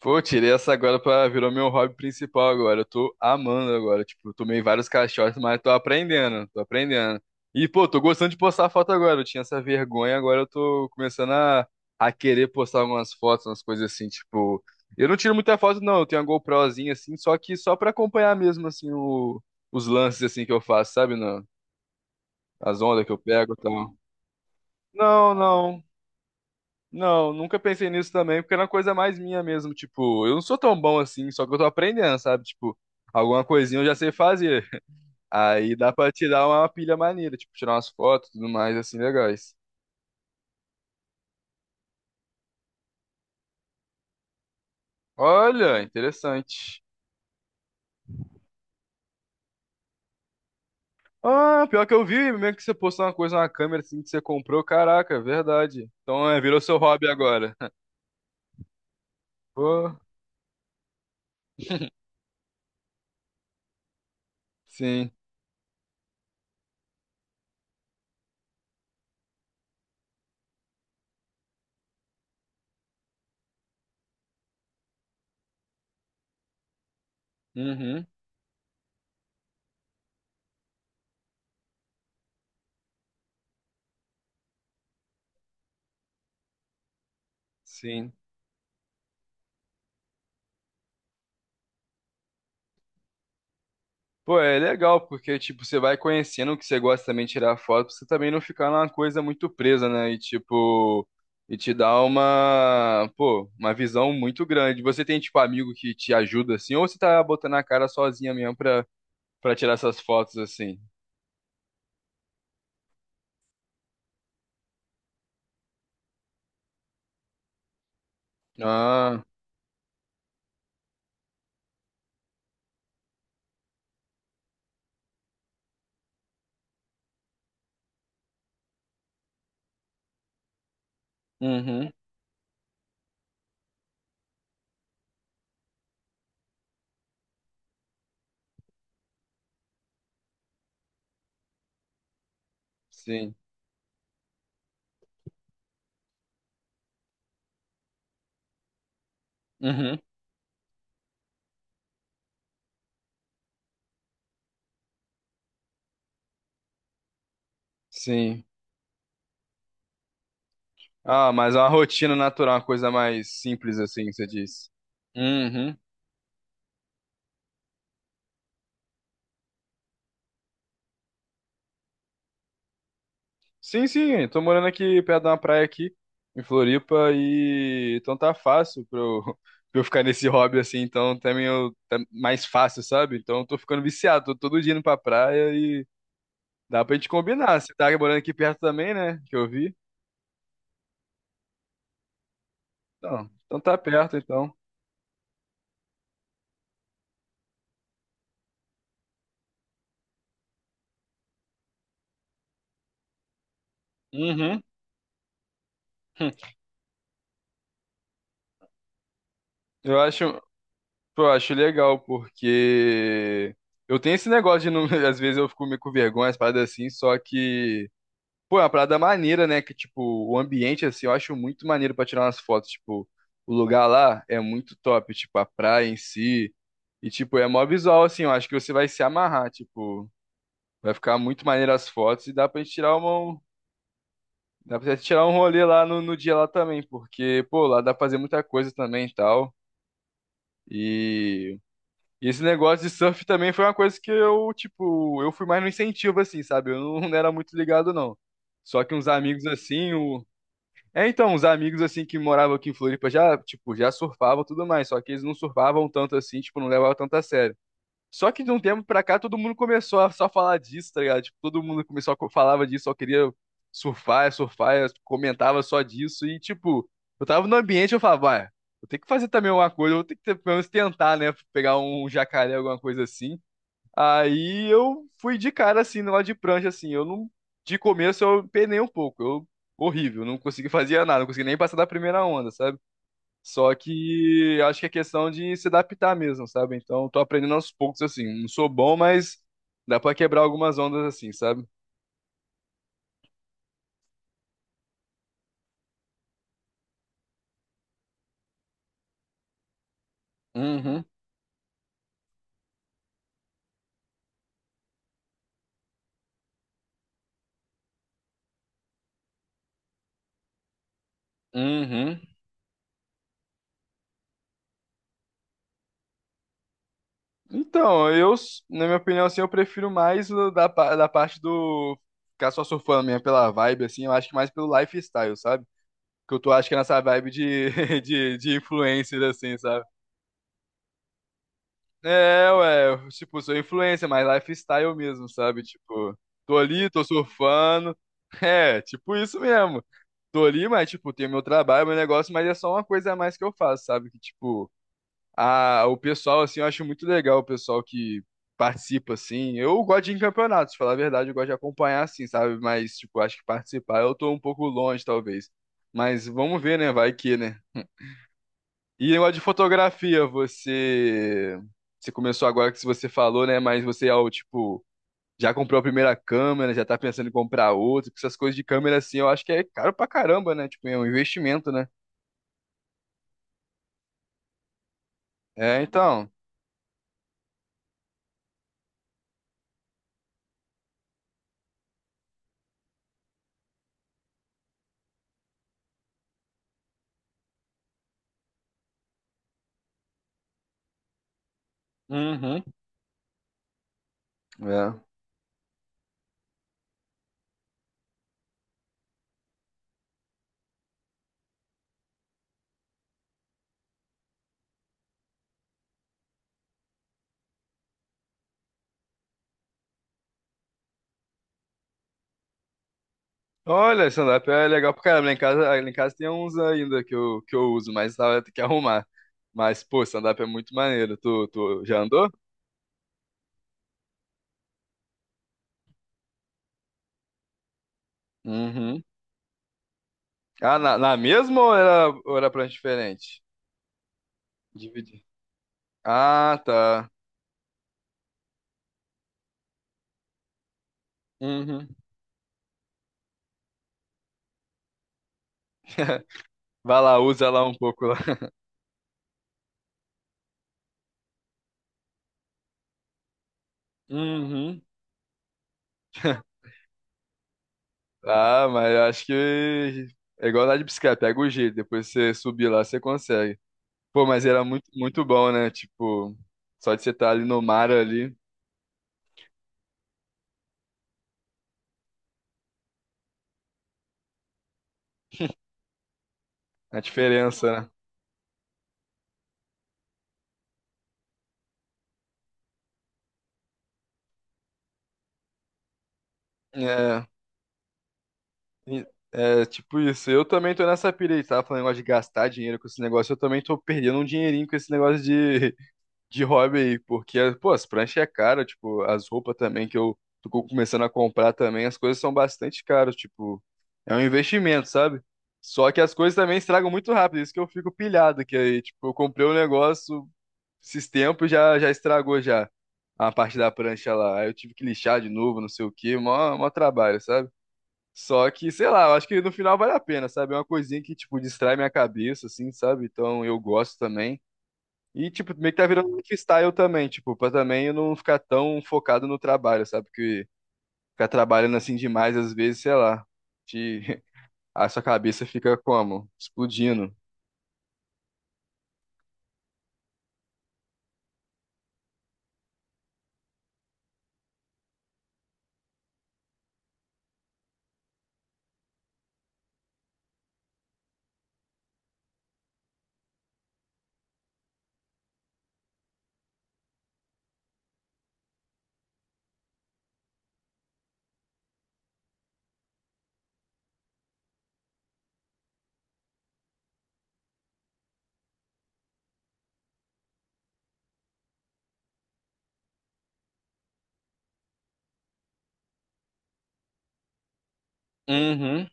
Pô, eu tirei essa agora pra virou meu hobby principal agora. Eu tô amando agora. Tipo, eu tomei vários caixotes, mas tô aprendendo, tô aprendendo. E, pô, tô gostando de postar foto agora. Eu tinha essa vergonha, agora eu tô começando a querer postar umas fotos, umas coisas assim, tipo. Eu não tiro muita foto, não. Eu tenho uma GoProzinha assim, só que só pra acompanhar mesmo, assim, o, os lances assim que eu faço, sabe? Não? As ondas que eu pego e tal. Não, não. Não, nunca pensei nisso também, porque era uma coisa mais minha mesmo. Tipo, eu não sou tão bom assim, só que eu tô aprendendo, sabe? Tipo, alguma coisinha eu já sei fazer. Aí dá pra tirar uma pilha maneira, tipo, tirar umas fotos e tudo mais, assim, legais. Olha, interessante. Ah, pior que eu vi mesmo que você postou uma coisa na câmera assim que você comprou. Caraca, é verdade. Então é, virou seu hobby agora. Pô, sim. Uhum, sim. Pô, é legal, porque, tipo, você vai conhecendo o que você gosta também de tirar foto, pra você também não ficar numa coisa muito presa, né? E, tipo, e te dá uma, pô, uma visão muito grande. Você tem, tipo, amigo que te ajuda, assim, ou você tá botando a cara sozinha mesmo pra, pra tirar essas fotos, assim? Ah, uhum, sim, uhum, sim. Ah, mas é uma rotina natural, uma coisa mais simples, assim, que você disse. Uhum. Sim, sim, tô morando aqui perto de uma praia aqui, em Floripa, e então tá fácil pra eu, pra eu ficar nesse hobby assim, então também eu, tá mais fácil, sabe? Então eu tô ficando viciado, tô todo dia indo pra praia e dá pra gente combinar. Você tá morando aqui perto também, né? Que eu vi. Então, então tá perto, então. Uhum. Eu acho, pô, eu acho legal, porque eu tenho esse negócio de, não, às vezes eu fico meio com vergonha, as paradas assim, só que. Pô, é uma parada maneira, né? Que, tipo, o ambiente, assim, eu acho muito maneiro pra tirar umas fotos. Tipo, o lugar lá é muito top. Tipo, a praia em si. E, tipo, é mó visual, assim. Eu acho que você vai se amarrar. Tipo, vai ficar muito maneiro as fotos. E dá pra gente tirar uma... Dá pra gente tirar um rolê lá no, no dia lá também. Porque, pô, lá dá pra fazer muita coisa também e tal. E... e esse negócio de surf também foi uma coisa que eu, tipo... Eu fui mais no incentivo, assim, sabe? Eu não, não era muito ligado, não. Só que uns amigos, assim... o É, então, os amigos, assim, que moravam aqui em Floripa já, tipo, já surfavam e tudo mais, só que eles não surfavam tanto assim, tipo, não levavam tanto a sério. Só que de um tempo pra cá, todo mundo começou a só falar disso, tá ligado? Tipo, todo mundo começou a co- falava disso, só queria surfar, surfar, eu comentava só disso, e tipo, eu tava no ambiente, eu falava, vai, vou ter que fazer também alguma coisa, eu vou ter que ter- pelo menos tentar, né, pegar um jacaré, alguma coisa assim, aí eu fui de cara assim, no lado de prancha, assim. Eu não. De começo eu penei um pouco. Eu. Horrível, não consegui fazer nada, não consegui nem passar da primeira onda, sabe? Só que acho que é questão de se adaptar mesmo, sabe? Então tô aprendendo aos poucos, assim. Não sou bom, mas dá pra quebrar algumas ondas assim, sabe? Uhum, uhum. Então, eu, s- na minha opinião, assim, eu prefiro mais o da, pa- da parte do ficar só surfando mesmo pela vibe, assim, eu acho que mais pelo lifestyle, sabe? Que eu tô, acho que é nessa vibe de influencer, assim, sabe? É, ué, eu, tipo, sou influencer, mas lifestyle mesmo, sabe? Tipo, tô ali, tô surfando. É, tipo isso mesmo. Tô ali, mas, tipo, tem meu trabalho, meu negócio, mas é só uma coisa a mais que eu faço, sabe? Que, tipo, a, o pessoal, assim, eu acho muito legal o pessoal que participa, assim. Eu gosto de ir em campeonatos, falar a verdade, eu gosto de acompanhar, assim, sabe? Mas, tipo, acho que participar eu tô um pouco longe, talvez. Mas vamos ver, né? Vai que, né? E negócio de fotografia, você. Você começou agora que você falou, né? Mas você é o tipo. Já comprou a primeira câmera, já tá pensando em comprar outra, porque essas coisas de câmera assim, eu acho que é caro pra caramba, né? Tipo, é um investimento, né? É, então. Uhum. É. Olha, stand-up é legal pra caramba. Lá em casa tem uns ainda que eu uso, mas tava tem que arrumar. Mas, pô, stand-up é muito maneiro. Tu já andou? Uhum. Ah, na, na mesma ou era prancha diferente? Dividir. Ah, tá. Uhum. Vai lá, usa lá um pouco lá. Uhum. Ah, mas eu acho que é igual andar de bicicleta, pega o jeito, depois você subir lá, você consegue. Pô, mas era muito, muito bom, né? Tipo, só de você estar ali no mar ali, a diferença, né? É, é tipo isso. Eu também tô nessa pira aí, tava falando negócio de gastar dinheiro com esse negócio, eu também tô perdendo um dinheirinho com esse negócio de hobby aí, porque, pô, as pranchas é cara, tipo, as roupas também que eu tô co- começando a comprar também, as coisas são bastante caras, tipo, é um investimento, sabe? Só que as coisas também estragam muito rápido, isso que eu fico pilhado, que aí, tipo, eu comprei um negócio esses tempos já estragou já a parte da prancha lá. Aí eu tive que lixar de novo, não sei o quê, mó, mó trabalho, sabe? Só que, sei lá, eu acho que no final vale a pena, sabe? É uma coisinha que, tipo, distrai minha cabeça, assim, sabe? Então eu gosto também. E, tipo, meio que tá virando lifestyle também, tipo, pra também eu não ficar tão focado no trabalho, sabe? Porque ficar trabalhando assim demais, às vezes, sei lá, te... a sua cabeça fica como? Explodindo. Uhum.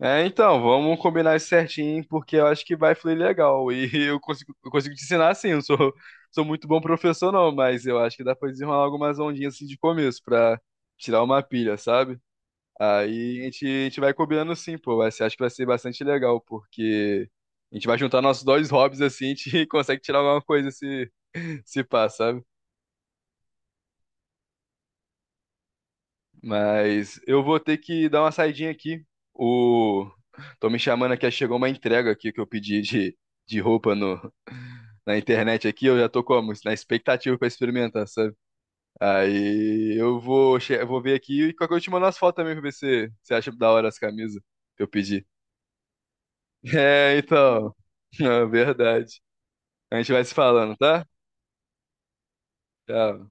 É, então, vamos combinar isso certinho, porque eu acho que vai fluir legal. E eu consigo te ensinar assim, eu não sou, sou muito bom professor, não, mas eu acho que dá pra desenrolar algumas ondinhas assim de começo, pra tirar uma pilha, sabe? Aí a gente vai combinando sim, pô. Vai ser- acho que vai ser bastante legal, porque a gente vai juntar nossos dois hobbies assim, a gente consegue tirar alguma coisa se, se pá, sabe? Mas eu vou ter que dar uma saidinha aqui. O... Tô me chamando aqui, chegou uma entrega aqui que eu pedi de roupa no, na internet aqui. Eu já tô como? Na expectativa pra experimentar, sabe? Aí eu vou, che- eu vou ver aqui e qualquer coisa eu te mando as fotos também pra ver se você acha da hora as camisas que eu pedi. É, então. É verdade. A gente vai se falando, tá? Tchau.